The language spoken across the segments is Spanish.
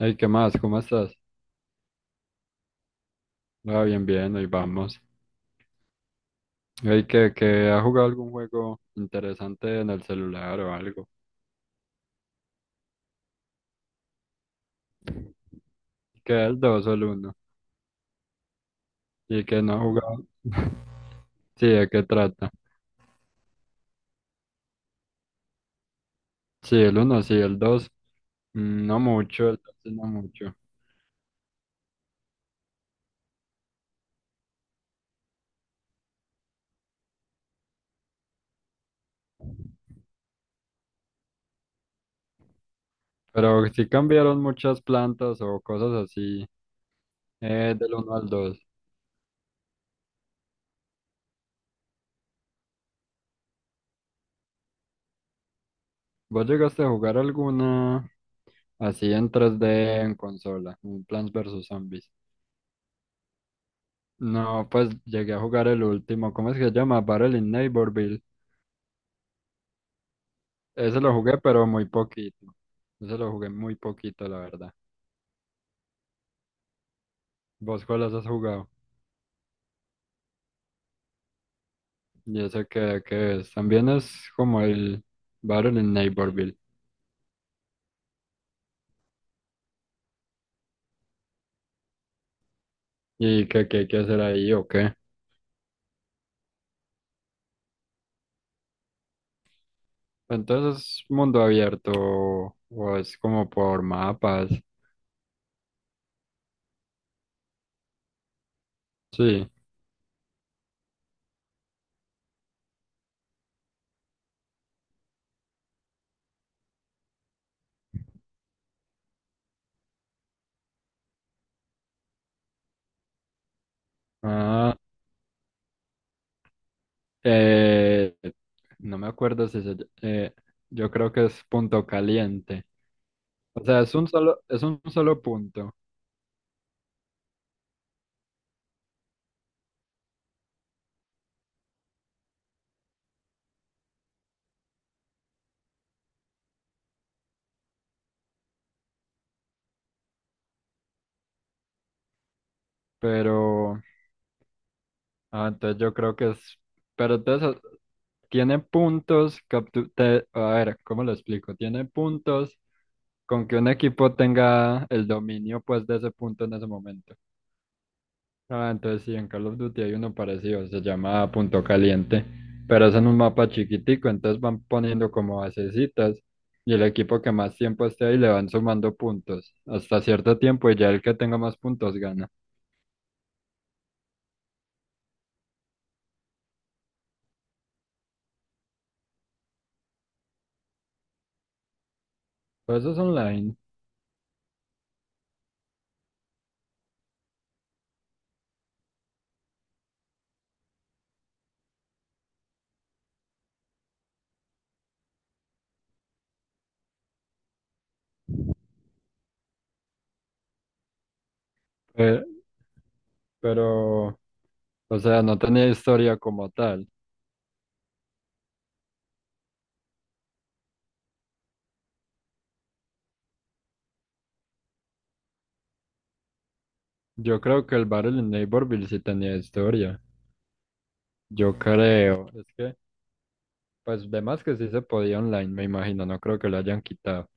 Hey, ¿qué más? ¿Cómo estás? Ah, bien, bien, ahí vamos. Hey, ¿que ha jugado algún juego interesante en el celular o algo? ¿Que el 2 o el uno? ¿Y que no ha jugado? Sí, ¿de qué trata? Sí, el uno, sí, el dos. No mucho, el 2 sí, no mucho. Pero sí cambiaron muchas plantas o cosas así, ¿del uno al dos? ¿Vos llegaste a jugar alguna así en 3D en consola? Un Plants vs Zombies. No, pues llegué a jugar el último, ¿cómo es que se llama? Battle in Neighborville. Ese lo jugué, pero muy poquito. Ese lo jugué muy poquito, la verdad. ¿Vos cuáles has jugado? Y ese que es. También es como el Battle in Neighborville. ¿Y qué hay que hacer ahí o qué? Entonces, ¿es mundo abierto o es como por mapas? Sí. Ah, eh, no me acuerdo si se, eh, yo creo que es punto caliente. O sea, es un solo punto, pero... Ah, entonces yo creo que es, pero entonces, tiene puntos, que a ver, ¿cómo lo explico? Tiene puntos con que un equipo tenga el dominio pues de ese punto en ese momento. Ah, entonces sí, en Call of Duty hay uno parecido, se llama Punto Caliente, pero es en un mapa chiquitico, entonces van poniendo como basecitas y el equipo que más tiempo esté ahí le van sumando puntos hasta cierto tiempo y ya el que tenga más puntos gana. Pues eso es online, eh, pero... O sea, no tenía historia como tal. Yo creo que el Battle in Neighborville sí tenía historia. Yo creo. Es que, pues, de más que sí se podía online, me imagino. No creo que lo hayan quitado.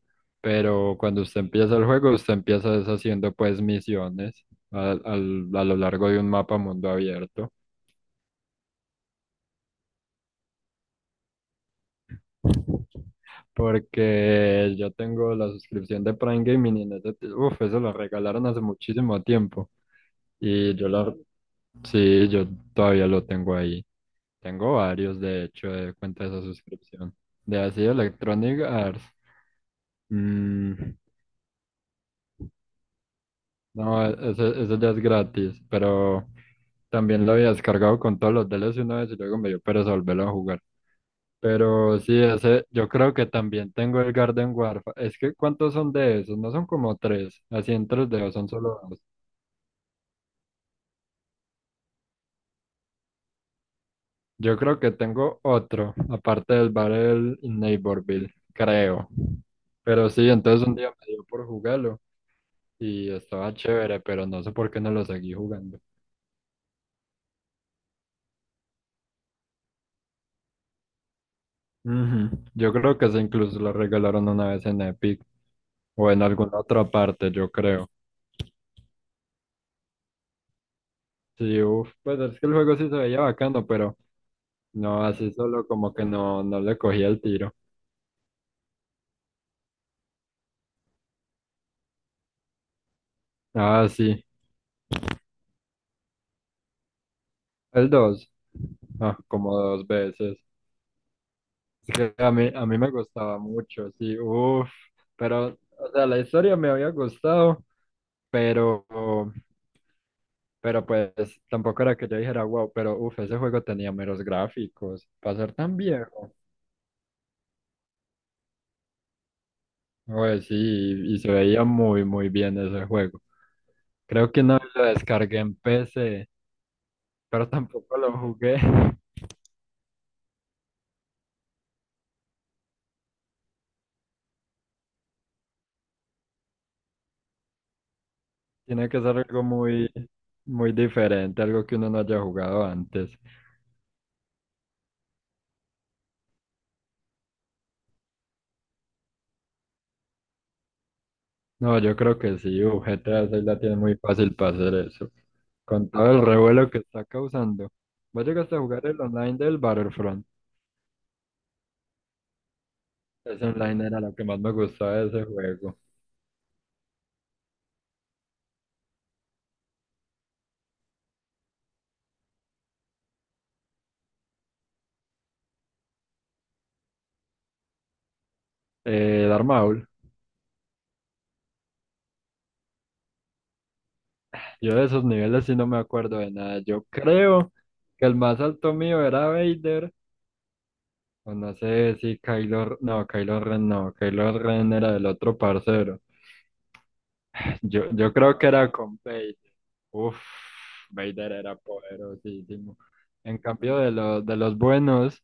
Pero cuando usted empieza el juego, usted empieza deshaciendo, pues, misiones a lo largo de un mapa mundo abierto. Porque yo tengo la suscripción de Prime Gaming y en ese, uf, eso lo regalaron hace muchísimo tiempo. Y yo la, sí, yo todavía lo tengo ahí. Tengo varios, de hecho, de cuenta de esa suscripción. De así Electronic Arts. Mm, no, ese ya es gratis, pero también lo había descargado con todos los DLC una vez y luego me dio pereza volverlo a jugar. Pero sí, ese, yo creo que también tengo el Garden Warfare. Es que, ¿cuántos son de esos? No son como tres, así en tres dedos, son solo dos. Yo creo que tengo otro, aparte del Battle in Neighborville, creo. Pero sí, entonces un día me dio por jugarlo y estaba chévere, pero no sé por qué no lo seguí jugando. Ujú. Yo creo que ese incluso lo regalaron una vez en Epic o en alguna otra parte, yo creo. Sí, uf, pues es que el juego sí se veía bacano, pero no, así solo como que no le cogía el tiro. Ah, sí, el dos, como dos veces. Es que a mí me gustaba mucho, sí, uff, pero, o sea, la historia me había gustado, pero... Pero pues tampoco era que yo dijera "wow", pero uff, ese juego tenía meros gráficos para ser tan viejo. Pues sí, y se veía muy, muy bien ese juego. Creo que una vez lo descargué en PC, pero tampoco lo jugué. Tiene que ser algo muy, muy diferente, algo que uno no haya jugado antes. No, yo creo que sí, uff, GTA 6 la tiene muy fácil para hacer eso. Con todo el revuelo que está causando. ¿Vos llegaste a jugar el online del Battlefront? Ese online era lo que más me gustaba de ese juego. Darth Maul. Yo de esos niveles sí no me acuerdo de nada. Yo creo que el más alto mío era Vader. O no sé si Kylo... No, Kylo Ren no. Kylo Ren era del otro parcero. Yo creo que era con Vader. Uf, Vader era poderosísimo. En cambio de los buenos,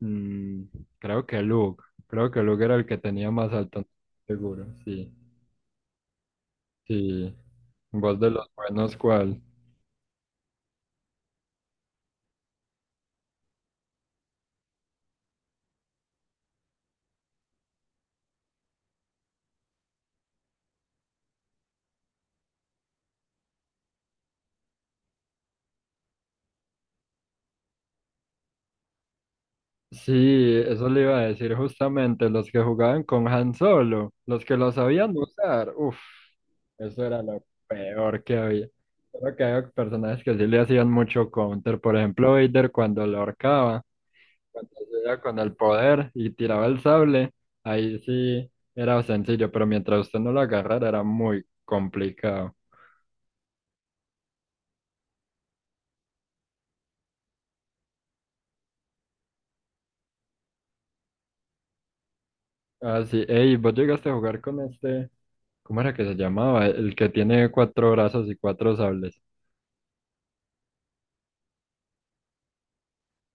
mm, creo que Luke. Creo que Luke era el que tenía más alto. Seguro, sí. Sí. Vos de los buenos, ¿cuál? Sí, eso le iba a decir justamente, los que jugaban con Han Solo, los que lo sabían usar, uff, eso era lo peor que había. Creo que había personajes que sí le hacían mucho counter, por ejemplo Vader cuando lo ahorcaba, cuando hacía con el poder y tiraba el sable, ahí sí era sencillo, pero mientras usted no lo agarrara era muy complicado. Ah, sí, ey, vos llegaste a jugar con este, ¿cómo era que se llamaba? El que tiene cuatro brazos y cuatro sables.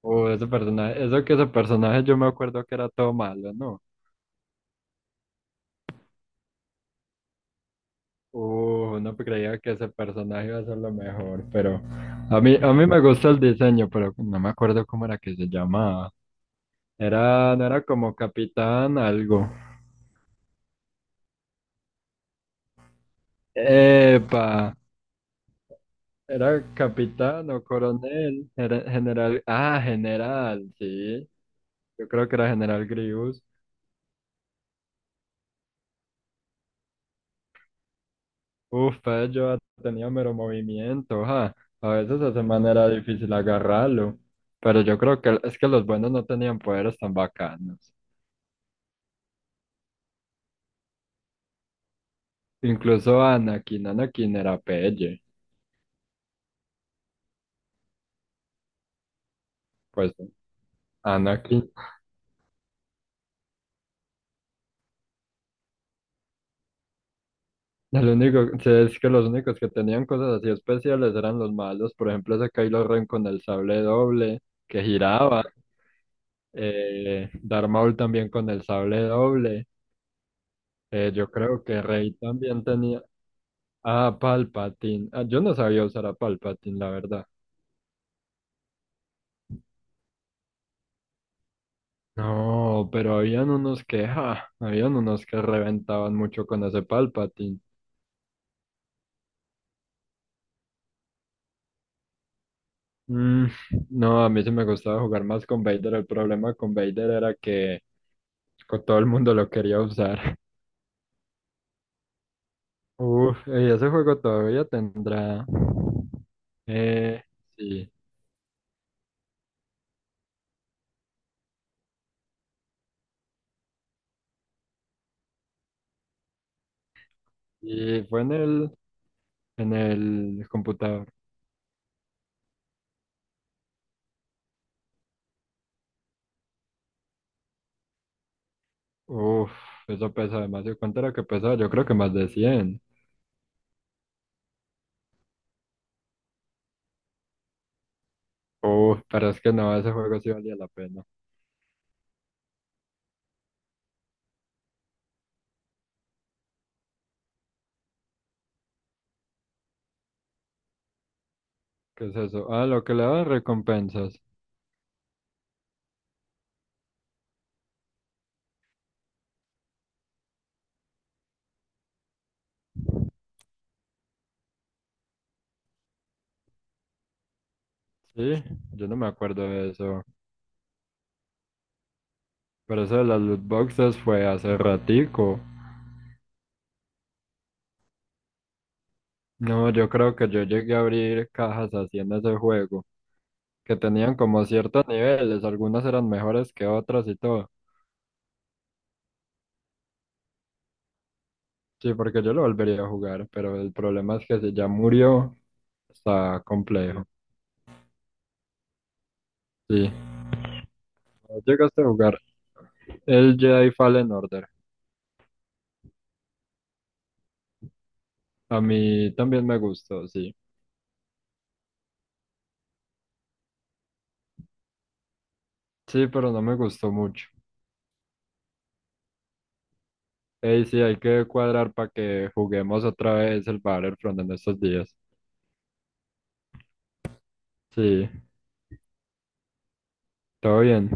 Ese personaje, eso que ese personaje yo me acuerdo que era todo malo, ¿no? Uno creía que ese personaje iba a ser lo mejor, pero a mí me gusta el diseño, pero no me acuerdo cómo era que se llamaba. Era, no era como capitán algo. Epa, era capitán o coronel, era general, general, sí, yo creo que era general Grievous. Uf, pues yo ha tenido mero movimiento, ja. A veces de esa manera era difícil agarrarlo. Pero yo creo que es que los buenos no tenían poderes tan bacanos. Incluso Anakin, Anakin era pelle. Pues Anakin. El único, sí, es que los únicos que tenían cosas así especiales eran los malos. Por ejemplo, ese Kylo Ren con el sable doble que giraba. Darth Maul también con el sable doble. Yo creo que Rey también tenía. Ah, Palpatine. Ah, yo no sabía usar a Palpatine, la verdad. No, pero habían unos que, ja, habían unos que reventaban mucho con ese Palpatine. Mm, no, a mí sí me gustaba jugar más con Vader. El problema con Vader era que todo el mundo lo quería usar. Uf, y ese juego todavía tendrá. Eh, sí. Y fue en el computador. Uf, eso pesa demasiado. ¿Cuánto era que pesaba? Yo creo que más de 100. Uy, pero es que no, ese juego sí valía la pena. ¿Qué es eso? Ah, lo que le daban recompensas. Sí, yo no me acuerdo de eso. Pero eso de las loot boxes fue hace ratico. No, yo creo que yo llegué a abrir cajas así en ese juego, que tenían como ciertos niveles, algunas eran mejores que otras y todo. Sí, porque yo lo volvería a jugar, pero el problema es que si ya murió, está complejo. Sí, ¿llegaste a jugar el Jedi Fallen Order? A mí también me gustó, sí. Sí, pero no me gustó mucho. Ey, sí, hay que cuadrar para que juguemos otra vez el Battlefront en estos días. Sí, todo bien.